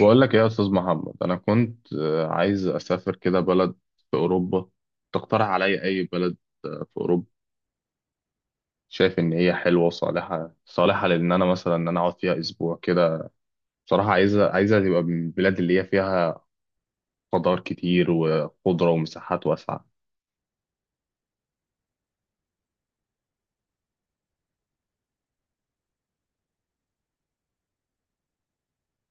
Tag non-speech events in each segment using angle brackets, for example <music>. بقول لك إيه يا استاذ محمد. انا كنت عايز اسافر كده بلد في اوروبا. تقترح عليا اي بلد؟ في اوروبا. شايف ان هي حلوه وصالحه صالحه لان انا مثلا ان انا اقعد فيها اسبوع كده. بصراحه عايزه عايزه تبقى من البلاد اللي هي فيها خضار كتير وخضره ومساحات واسعه.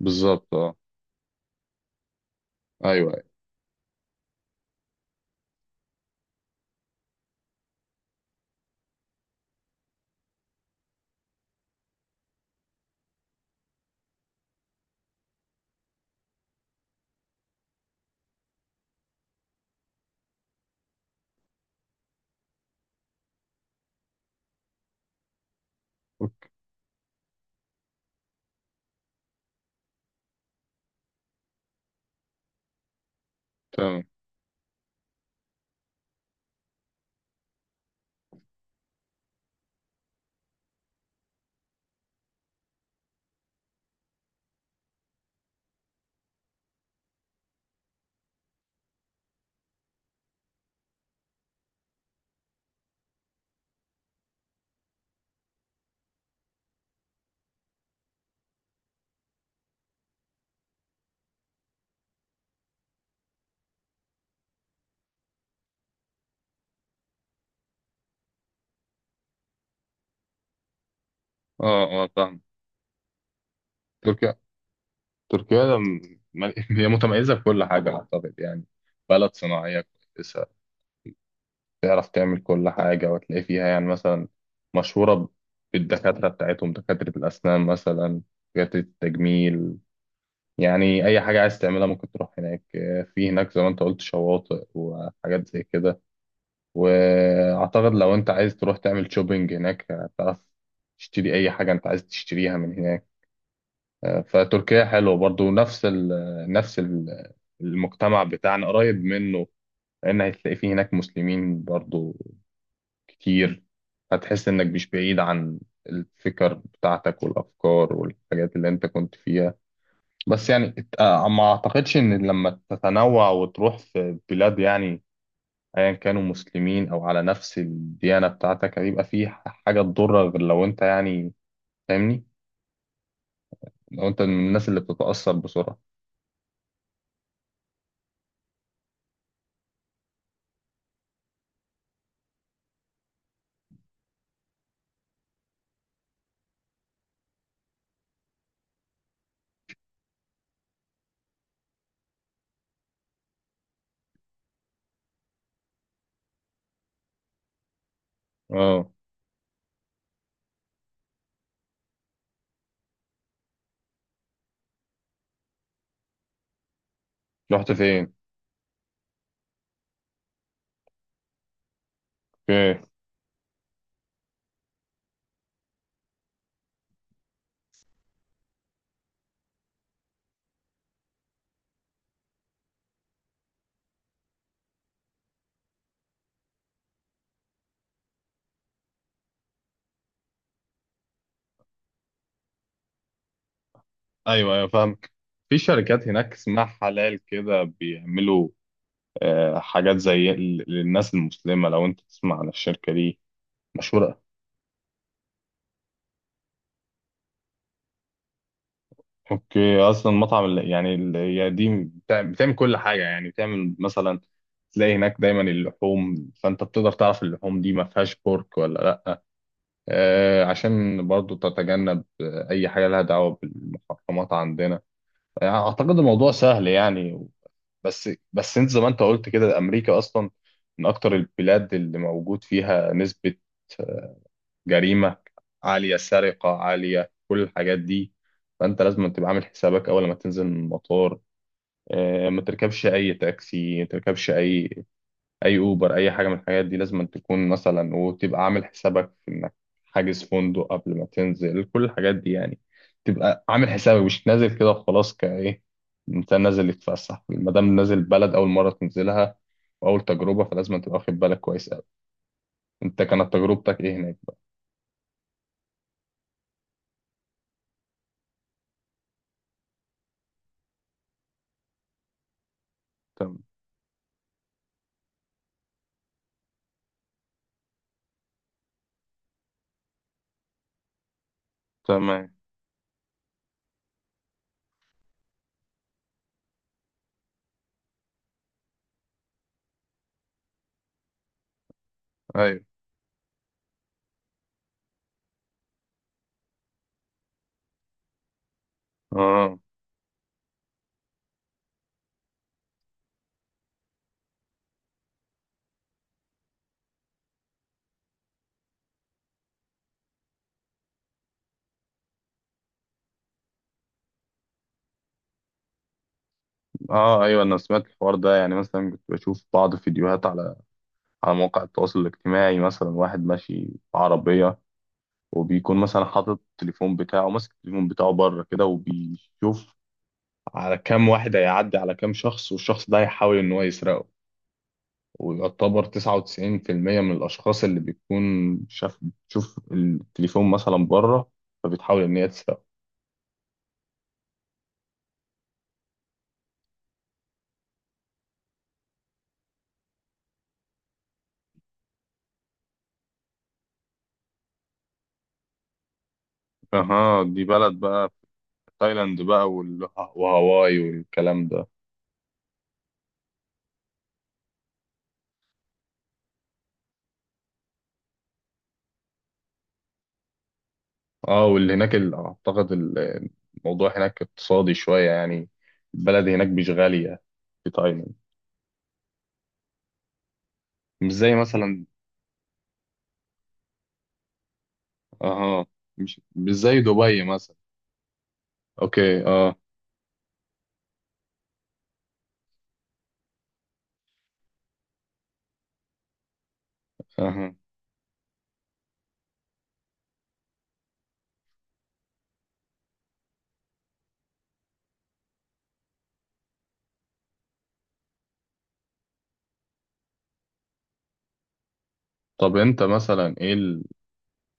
بالظبط، اه. ايوه. ايوه. تمام. اه اه، فاهم. تركيا. تركيا ده م- <laughs> هي متميزه في كل حاجه، اعتقد يعني. بلد صناعيه كويسه. تعرف تعمل كل حاجة وتلاقي فيها يعني، مثلا مشهورة بالدكاترة بتاعتهم، دكاترة الأسنان مثلا، دكاترة التجميل. يعني أي حاجة عايز تعملها ممكن تروح هناك. في هناك زي ما أنت قلت شواطئ وحاجات زي كده. وأعتقد لو أنت عايز تروح تعمل شوبينج هناك، هتعرف تشتري أي حاجة أنت عايز تشتريها من هناك. فتركيا حلوة برضو، نفس ال- المجتمع بتاعنا قريب منه، لأن هتلاقي فيه هناك مسلمين برضو كتير. هتحس إنك مش بعيد عن الفكر بتاعتك والأفكار والحاجات اللي أنت كنت فيها. بس يعني ما أعتقدش إن لما تتنوع وتروح في بلاد، يعني أيا كانوا مسلمين أو على نفس الديانة بتاعتك، هيبقى في حاجة تضرك، غير لو أنت يعني فاهمني، لو أنت من الناس اللي بتتأثر بسرعة. اه. رحت فين؟ اوكي. ايوه ايوه، فاهمك. في شركات هناك اسمها حلال، كده بيعملوا حاجات زي للناس المسلمة، لو أنت تسمع عن الشركة دي مشهورة. أوكي، أصلا مطعم يعني هي دي بتعمل كل حاجة يعني، بتعمل مثلا تلاقي هناك دايما اللحوم، فأنت بتقدر تعرف اللحوم دي ما فيهاش بورك ولا لأ، عشان برضو تتجنب أي حاجة لها دعوة بالمحرمات عندنا. يعني أعتقد الموضوع سهل يعني. بس أنت زي ما أنت قلت كده، أمريكا أصلا من أكتر البلاد اللي موجود فيها نسبة جريمة عالية، سرقة عالية، كل الحاجات دي. فأنت لازم تبقى عامل حسابك أول ما تنزل من المطار، ما تركبش أي تاكسي، ما تركبش أي أوبر، أي حاجة من الحاجات دي. لازم تكون مثلا وتبقى عامل حسابك في إنك حاجز فندق قبل ما تنزل، كل الحاجات دي يعني. تبقى عامل حسابك مش نازل كده وخلاص، كإيه إنسان نازل يتفسح. مادام نازل بلد أول مرة تنزلها وأول تجربة، فلازم تبقى واخد بالك كويس أوي. أنت كانت تجربتك إيه هناك بقى؟ تمام. تمام. أيوه. اه اه، ايوه، انا سمعت الحوار ده. يعني مثلا كنت بشوف بعض فيديوهات على مواقع التواصل الاجتماعي، مثلا واحد ماشي بعربية، وبيكون مثلا حاطط التليفون بتاعه، ماسك التليفون بتاعه بره كده، وبيشوف على كام واحد هيعدي، على كام شخص، والشخص ده هيحاول ان هو يسرقه. ويعتبر 99% من الاشخاص اللي بيكون شاف بتشوف التليفون مثلا بره، فبتحاول ان هي تسرقه. اها، دي بلد بقى. في تايلاند بقى وهاواي والكلام ده. اه، واللي هناك اعتقد الموضوع هناك اقتصادي شوية يعني. البلد هناك مش غالية، في تايلاند. مش زي مثلا، اه، مش زي دبي مثلا. اوكي، اه، فاهم. طب انت مثلا ايه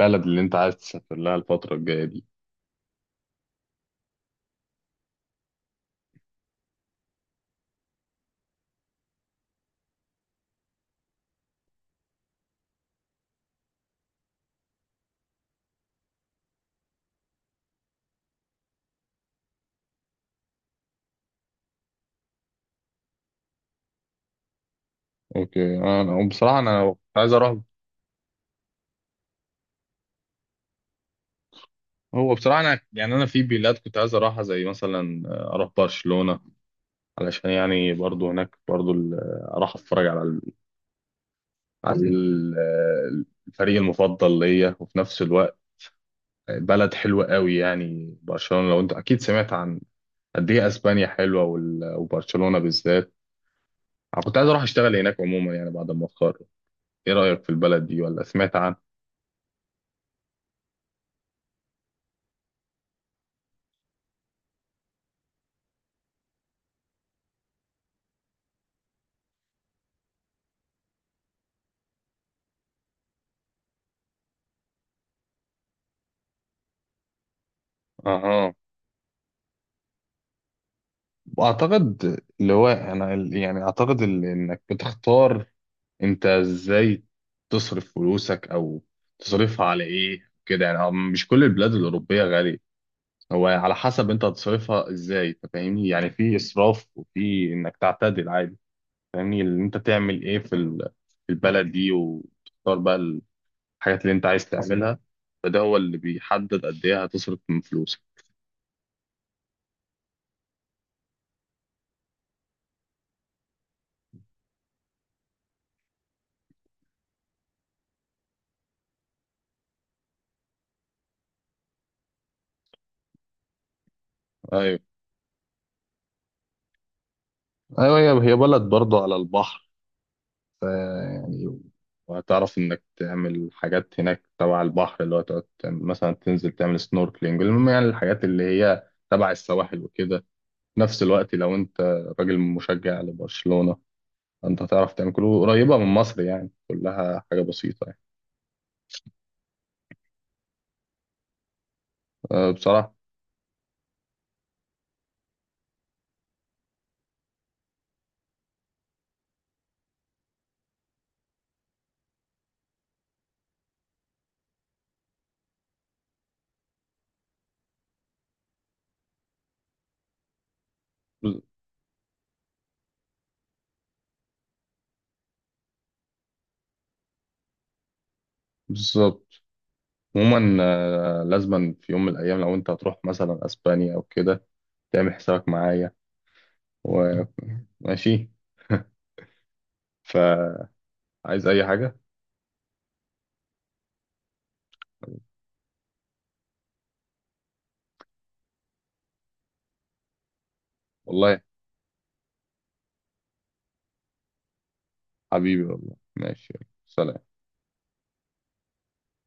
البلد اللي انت عايز تسافر لها الفترة الجاية دي؟ اوكي، انا بصراحة انا كنت عايز اروح. هو بصراحة انا يعني انا في بلاد كنت عايز اروحها، زي مثلا اروح برشلونة، علشان يعني برضو هناك برضو اروح اتفرج على عن ال- آه، الفريق المفضل ليا. وفي نفس الوقت بلد حلوة قوي يعني برشلونة، لو انت اكيد سمعت عن قد ايه اسبانيا حلوة وبرشلونة بالذات. انا كنت عايز اروح اشتغل هناك عموما يعني بعد ما اتخرج. ايه رأيك في البلد دي، ولا سمعت عنها؟ اها، واعتقد اللي هو انا يعني اعتقد انك بتختار انت ازاي تصرف فلوسك او تصرفها على ايه كده يعني. مش كل البلاد الأوروبية غالية، هو على حسب انت هتصرفها ازاي. انت فاهمني، يعني في اسراف وفي انك تعتدل عادي. فاهمني، اللي انت تعمل ايه في في البلد دي، وتختار بقى الحاجات اللي انت عايز تعملها. فده هو اللي بيحدد قد ايه هتصرف من فلوسك. ايوه ايوه، هي بلد برضه على البحر، ف يعني، وهتعرف انك تعمل حاجات هناك تبع البحر، اللي هو تقعد مثلا تنزل تعمل سنوركلينج، المهم يعني الحاجات اللي هي تبع السواحل وكده. في نفس الوقت لو انت راجل مشجع لبرشلونة، انت هتعرف تعمل كله قريبة من مصر يعني، كلها حاجة بسيطة يعني. أه، بصراحة. بز- بالظبط. عموما لازما في يوم من الأيام لو أنت هتروح مثلا أسبانيا أو كده تعمل حسابك معايا، وماشي. فعايز أي حاجة. والله حبيبي، والله ماشي. يلا، سلام.